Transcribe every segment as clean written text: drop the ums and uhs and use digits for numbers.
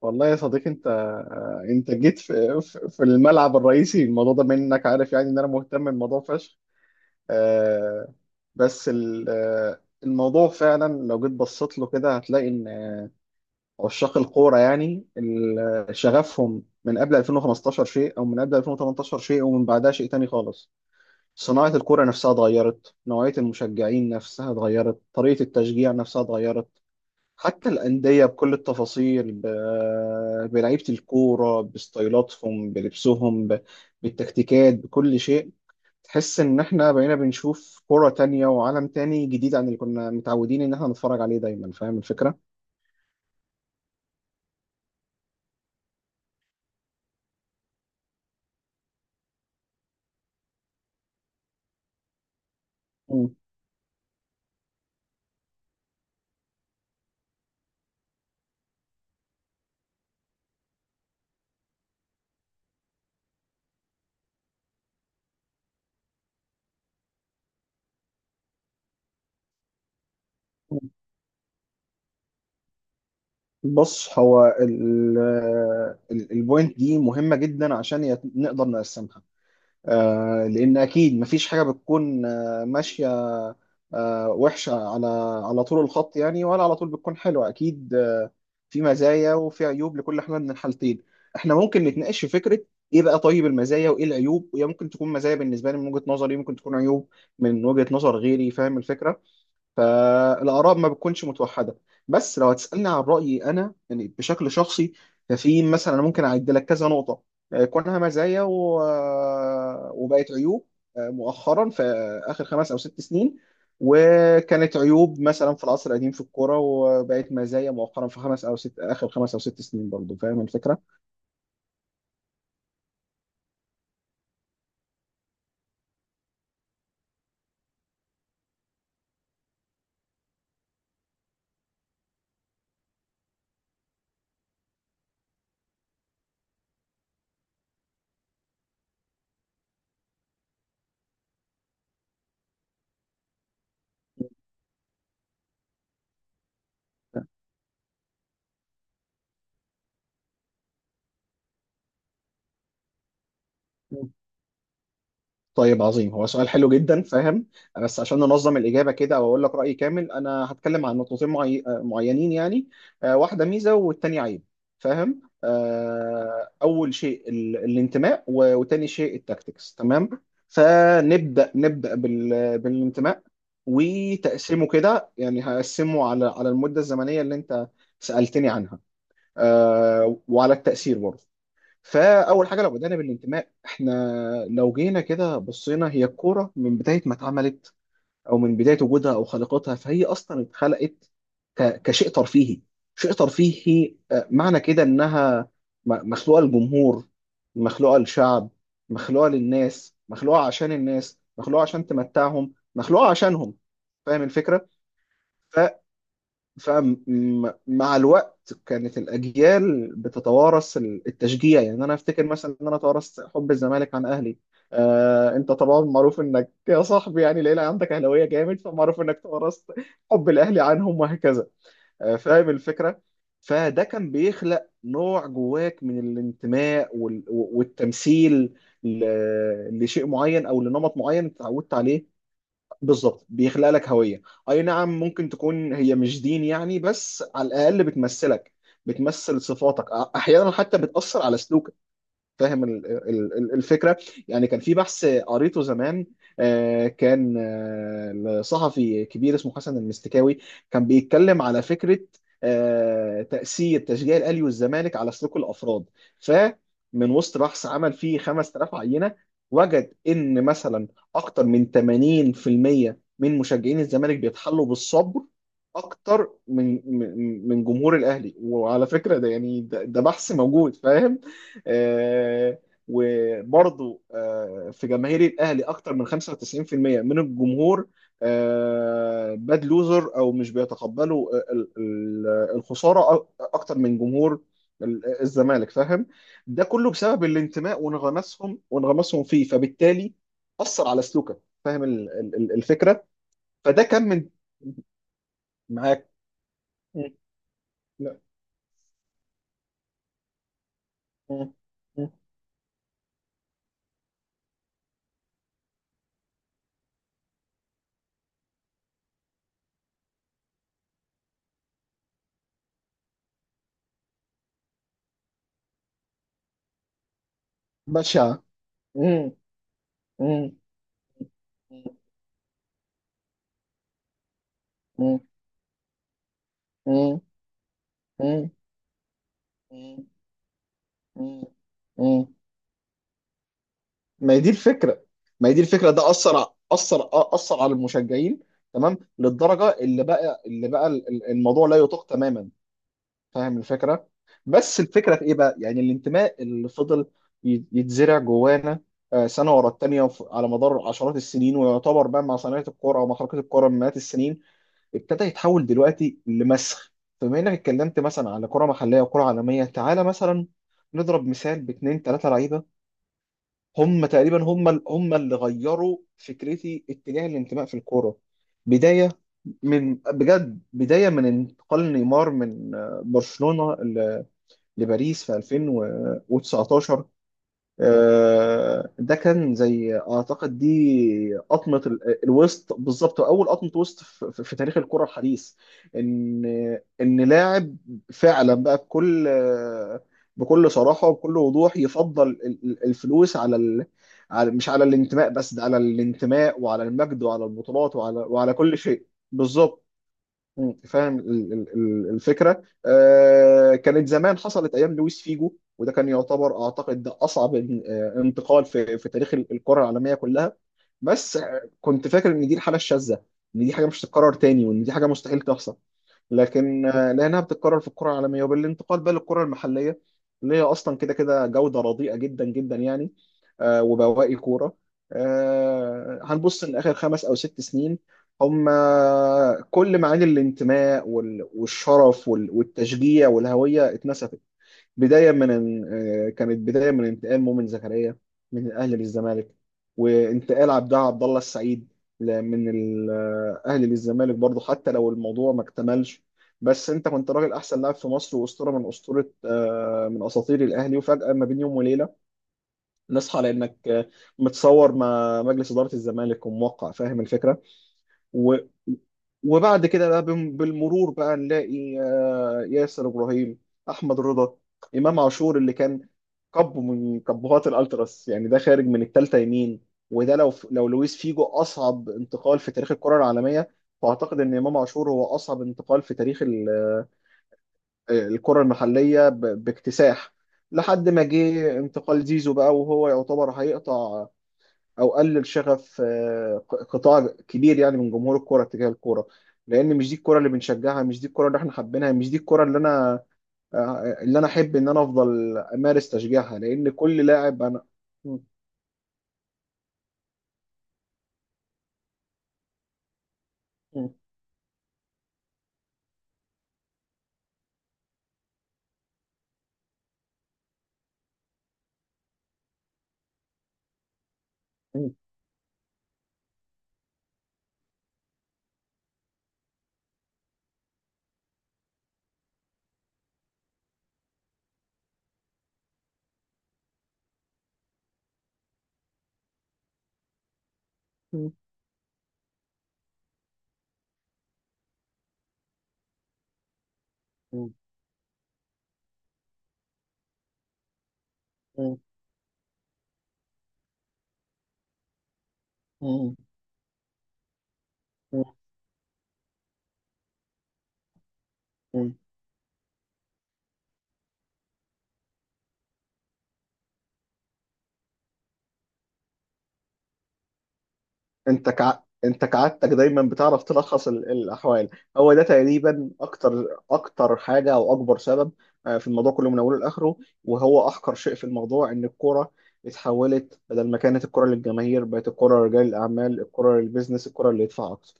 والله يا صديقي انت جيت في الملعب الرئيسي. الموضوع ده منك عارف يعني ان انا مهتم بالموضوع فشخ. آه، بس الموضوع فعلا لو جيت بصيت له كده هتلاقي ان عشاق الكوره يعني شغفهم من قبل 2015 شيء او من قبل 2018 شيء ومن بعدها شيء تاني خالص. صناعه الكوره نفسها اتغيرت، نوعيه المشجعين نفسها اتغيرت، طريقه التشجيع نفسها اتغيرت. حتى الأندية بكل التفاصيل، بلعيبة الكورة، بستايلاتهم، بلبسهم، بالتكتيكات، بكل شيء. تحس إن إحنا بقينا بنشوف كرة تانية وعالم تاني جديد عن اللي كنا متعودين إن إحنا نتفرج عليه دايما. فاهم الفكرة؟ مم. بص، هو البوينت دي مهمة جدا عشان نقدر نقسمها. لان اكيد مفيش حاجه بتكون ماشيه وحشه على طول الخط يعني، ولا على طول بتكون حلوه اكيد. في مزايا وفي عيوب لكل حاجه من الحالتين. احنا ممكن نتناقش في فكره ايه بقى طيب المزايا وايه العيوب، وهي ممكن تكون مزايا بالنسبه لي من وجهه نظري، ممكن تكون عيوب من وجهه نظر غيري. فاهم الفكره. فالآراء ما بتكونش متوحدة. بس لو هتسألني عن رأيي أنا يعني بشكل شخصي، ففي مثلا أنا ممكن أعد لك كذا نقطة كونها مزايا و... آه، وبقت عيوب مؤخرا في آخر 5 أو 6 سنين، وكانت عيوب مثلا في العصر القديم في الكورة وبقت مزايا مؤخرا في خمس أو ست آخر 5 أو 6 سنين برضو. فاهم الفكرة؟ طيب عظيم، هو سؤال حلو جدا، فاهم. بس عشان ننظم الإجابة كده أو أقول لك رأيي كامل، أنا هتكلم عن نقطتين معينين يعني. واحدة ميزة والتانية عيب، فاهم. أول شيء الانتماء، وتاني شيء التاكتكس، تمام. فنبدأ بالانتماء، وتقسيمه كده يعني، هقسمه على المدة الزمنية اللي أنت سألتني عنها وعلى التأثير برضه. فاول حاجه لو بدانا بالانتماء، احنا لو جينا كده بصينا هي الكوره من بدايه ما اتعملت او من بدايه وجودها او خلقتها، فهي اصلا اتخلقت كشيء ترفيهي. شيء ترفيهي معنى كده انها مخلوقه للجمهور، مخلوقه للشعب، مخلوقه للناس، مخلوقه عشان الناس، مخلوقه عشان تمتعهم، مخلوقه عشانهم. فاهم الفكره. فمع الوقت كانت الأجيال بتتوارث التشجيع، يعني أنا أفتكر مثلا إن أنا توارثت حب الزمالك عن أهلي. أنت طبعا معروف إنك يا صاحبي يعني العيلة عندك أهلاوية جامد، فمعروف إنك توارثت حب الأهلي عنهم وهكذا. فاهم الفكرة؟ فده كان بيخلق نوع جواك من الانتماء والتمثيل لشيء معين أو لنمط معين اتعودت عليه. بالظبط، بيخلق لك هوية. اي نعم، ممكن تكون هي مش دين يعني، بس على الاقل بتمثلك، بتمثل صفاتك، احيانا حتى بتأثر على سلوكك. فاهم الفكره. يعني كان في بحث قريته زمان، كان لصحفي كبير اسمه حسن المستكاوي. كان بيتكلم على فكره تاثير تشجيع الاهلي والزمالك على سلوك الافراد. فمن وسط بحث عمل فيه 5000 عينه، وجد ان مثلا اكتر من 80% من مشجعين الزمالك بيتحلوا بالصبر اكتر من جمهور الاهلي. وعلى فكره ده يعني ده بحث موجود، فاهم. وبرضه في جماهير الاهلي اكتر من 95% من الجمهور باد لوزر او مش بيتقبلوا الخساره اكتر من جمهور الزمالك، فاهم. ده كله بسبب الانتماء وانغماسهم فيه، فبالتالي اثر على سلوكك. فاهم الفكره. فده كمل معاك. م- لا. م- م- بشعه. م- م- م- م- م- م- مم. مم. ما هي دي الفكره ما هي دي الفكره. ده اثر اثر على المشجعين، تمام، للدرجه اللي بقى الموضوع لا يطاق تماما. فاهم الفكره. بس الفكره في ايه بقى، يعني الانتماء اللي فضل يتزرع جوانا سنه ورا التانيه، على مدار عشرات السنين، ويعتبر بقى مع صناعه الكوره او مع حركه الكوره من مئات السنين، ابتدى يتحول دلوقتي لمسخ. فبما انك اتكلمت مثلا على كره محليه وكره عالميه، تعالى مثلا نضرب مثال باتنين تلاته لعيبه. هم تقريبا هم هم اللي غيروا فكرتي اتجاه الانتماء في الكوره. بدايه بدايه من انتقال نيمار من برشلونه لباريس في 2019. ده كان زي اعتقد دي قطمه الوسط بالظبط. اول قطمه وسط في تاريخ الكره الحديث. ان ان لاعب فعلا بقى بكل صراحه وبكل وضوح يفضل الفلوس على ال... على مش على الانتماء، بس ده على الانتماء وعلى المجد وعلى البطولات وعلى كل شيء. بالظبط. مم. فاهم الفكره. كانت زمان حصلت ايام لويس فيجو، وده كان يعتبر اعتقد ده اصعب انتقال في تاريخ الكره العالميه كلها. بس كنت فاكر ان دي الحاله الشاذه، ان دي حاجه مش هتتكرر تاني وان دي حاجه مستحيل تحصل. لكن لانها بتتكرر في الكره العالميه، وبالانتقال بقى للكره المحليه اللي هي اصلا كده كده جوده رديئه جدا جدا يعني. وبواقي كورة. هنبص إن آخر 5 أو 6 سنين هم كل معاني الانتماء والشرف والتشجيع والهوية اتنسفت. بداية من إن- آه، كانت بداية من انتقال مؤمن زكريا من الأهلي للزمالك، وانتقال عبد الله السعيد من الأهلي للزمالك برضه، حتى لو الموضوع ما اكتملش. بس انت كنت راجل، احسن لاعب في مصر، واسطوره من اسطوره آه، من اساطير الاهلي. وفجاه ما بين يوم وليله نصحى لانك متصور مع مجلس اداره الزمالك وموقع. فاهم الفكره. و... وبعد كده بقى بالمرور بقى نلاقي ياسر ابراهيم، احمد رضا، امام عاشور اللي كان كب من كبهات الالتراس يعني. ده خارج من الثالثه يمين. وده لو لويس فيجو اصعب انتقال في تاريخ الكره العالميه، فاعتقد ان امام عاشور هو اصعب انتقال في تاريخ الكره المحليه باكتساح. لحد ما جه انتقال زيزو بقى، وهو يعتبر هيقطع او قلل شغف قطاع كبير يعني من جمهور الكوره تجاه الكوره. لان مش دي الكوره اللي بنشجعها، مش دي الكوره اللي احنا حابينها، مش دي الكوره اللي انا آه، اللي انا احب ان انا افضل امارس تشجيعها، لان كل لاعب. انا انت كع... انت كعادتك دايما بتعرف تلخص الاحوال. هو ده تقريبا اكتر حاجه او اكبر سبب في الموضوع كله من اوله لاخره. وهو احقر شيء في الموضوع ان الكوره اتحولت بدل ما كانت الكوره للجماهير بقت الكوره لرجال الاعمال، الكوره للبيزنس، الكوره اللي يدفع اكتر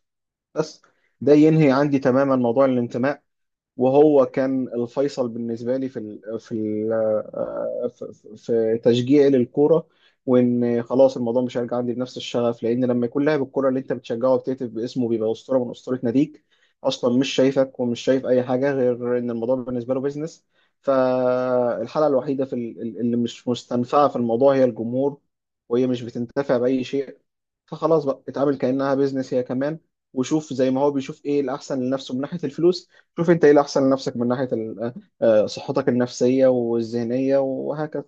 بس. ده ينهي عندي تماما موضوع الانتماء، وهو كان الفيصل بالنسبه لي في ال في ال آه، في في تشجيعي للكوره. وان خلاص الموضوع مش هيرجع عندي بنفس الشغف، لان لما يكون لاعب الكوره اللي انت بتشجعه وبتهتف باسمه بيبقى اسطوره من اسطوره ناديك، اصلا مش شايفك ومش شايف اي حاجه غير ان الموضوع بالنسبه له بيزنس. فالحاله الوحيده في اللي مش مستنفعه في الموضوع هي الجمهور، وهي مش بتنتفع باي شيء. فخلاص بقى اتعامل كأنها بيزنس هي كمان، وشوف زي ما هو بيشوف ايه الأحسن لنفسه من ناحية الفلوس، شوف انت ايه الأحسن لنفسك من ناحية صحتك النفسية والذهنية وهكذا.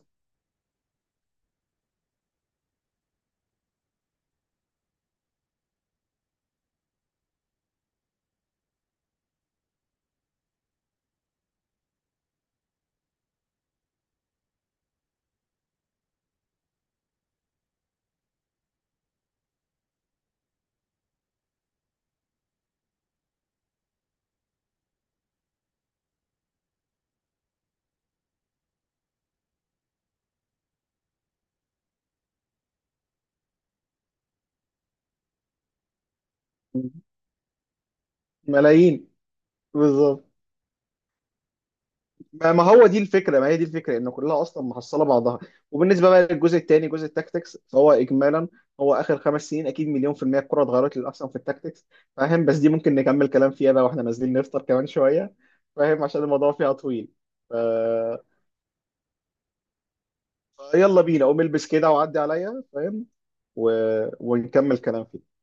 ملايين. بالظبط. ما هي دي الفكرة ان كلها أصلا محصلة بعضها. وبالنسبة بقى للجزء الثاني، جزء التاكتكس، فهو إجمالا هو آخر 5 سنين أكيد مليون في المية الكرة اتغيرت للأحسن في التاكتكس، فاهم. بس دي ممكن نكمل كلام فيها بقى واحنا نازلين نفطر كمان شوية. فاهم، عشان الموضوع فيها طويل. ف... يلا بينا، قوم البس كده وعدي عليا، فاهم. و... ونكمل كلام فيه.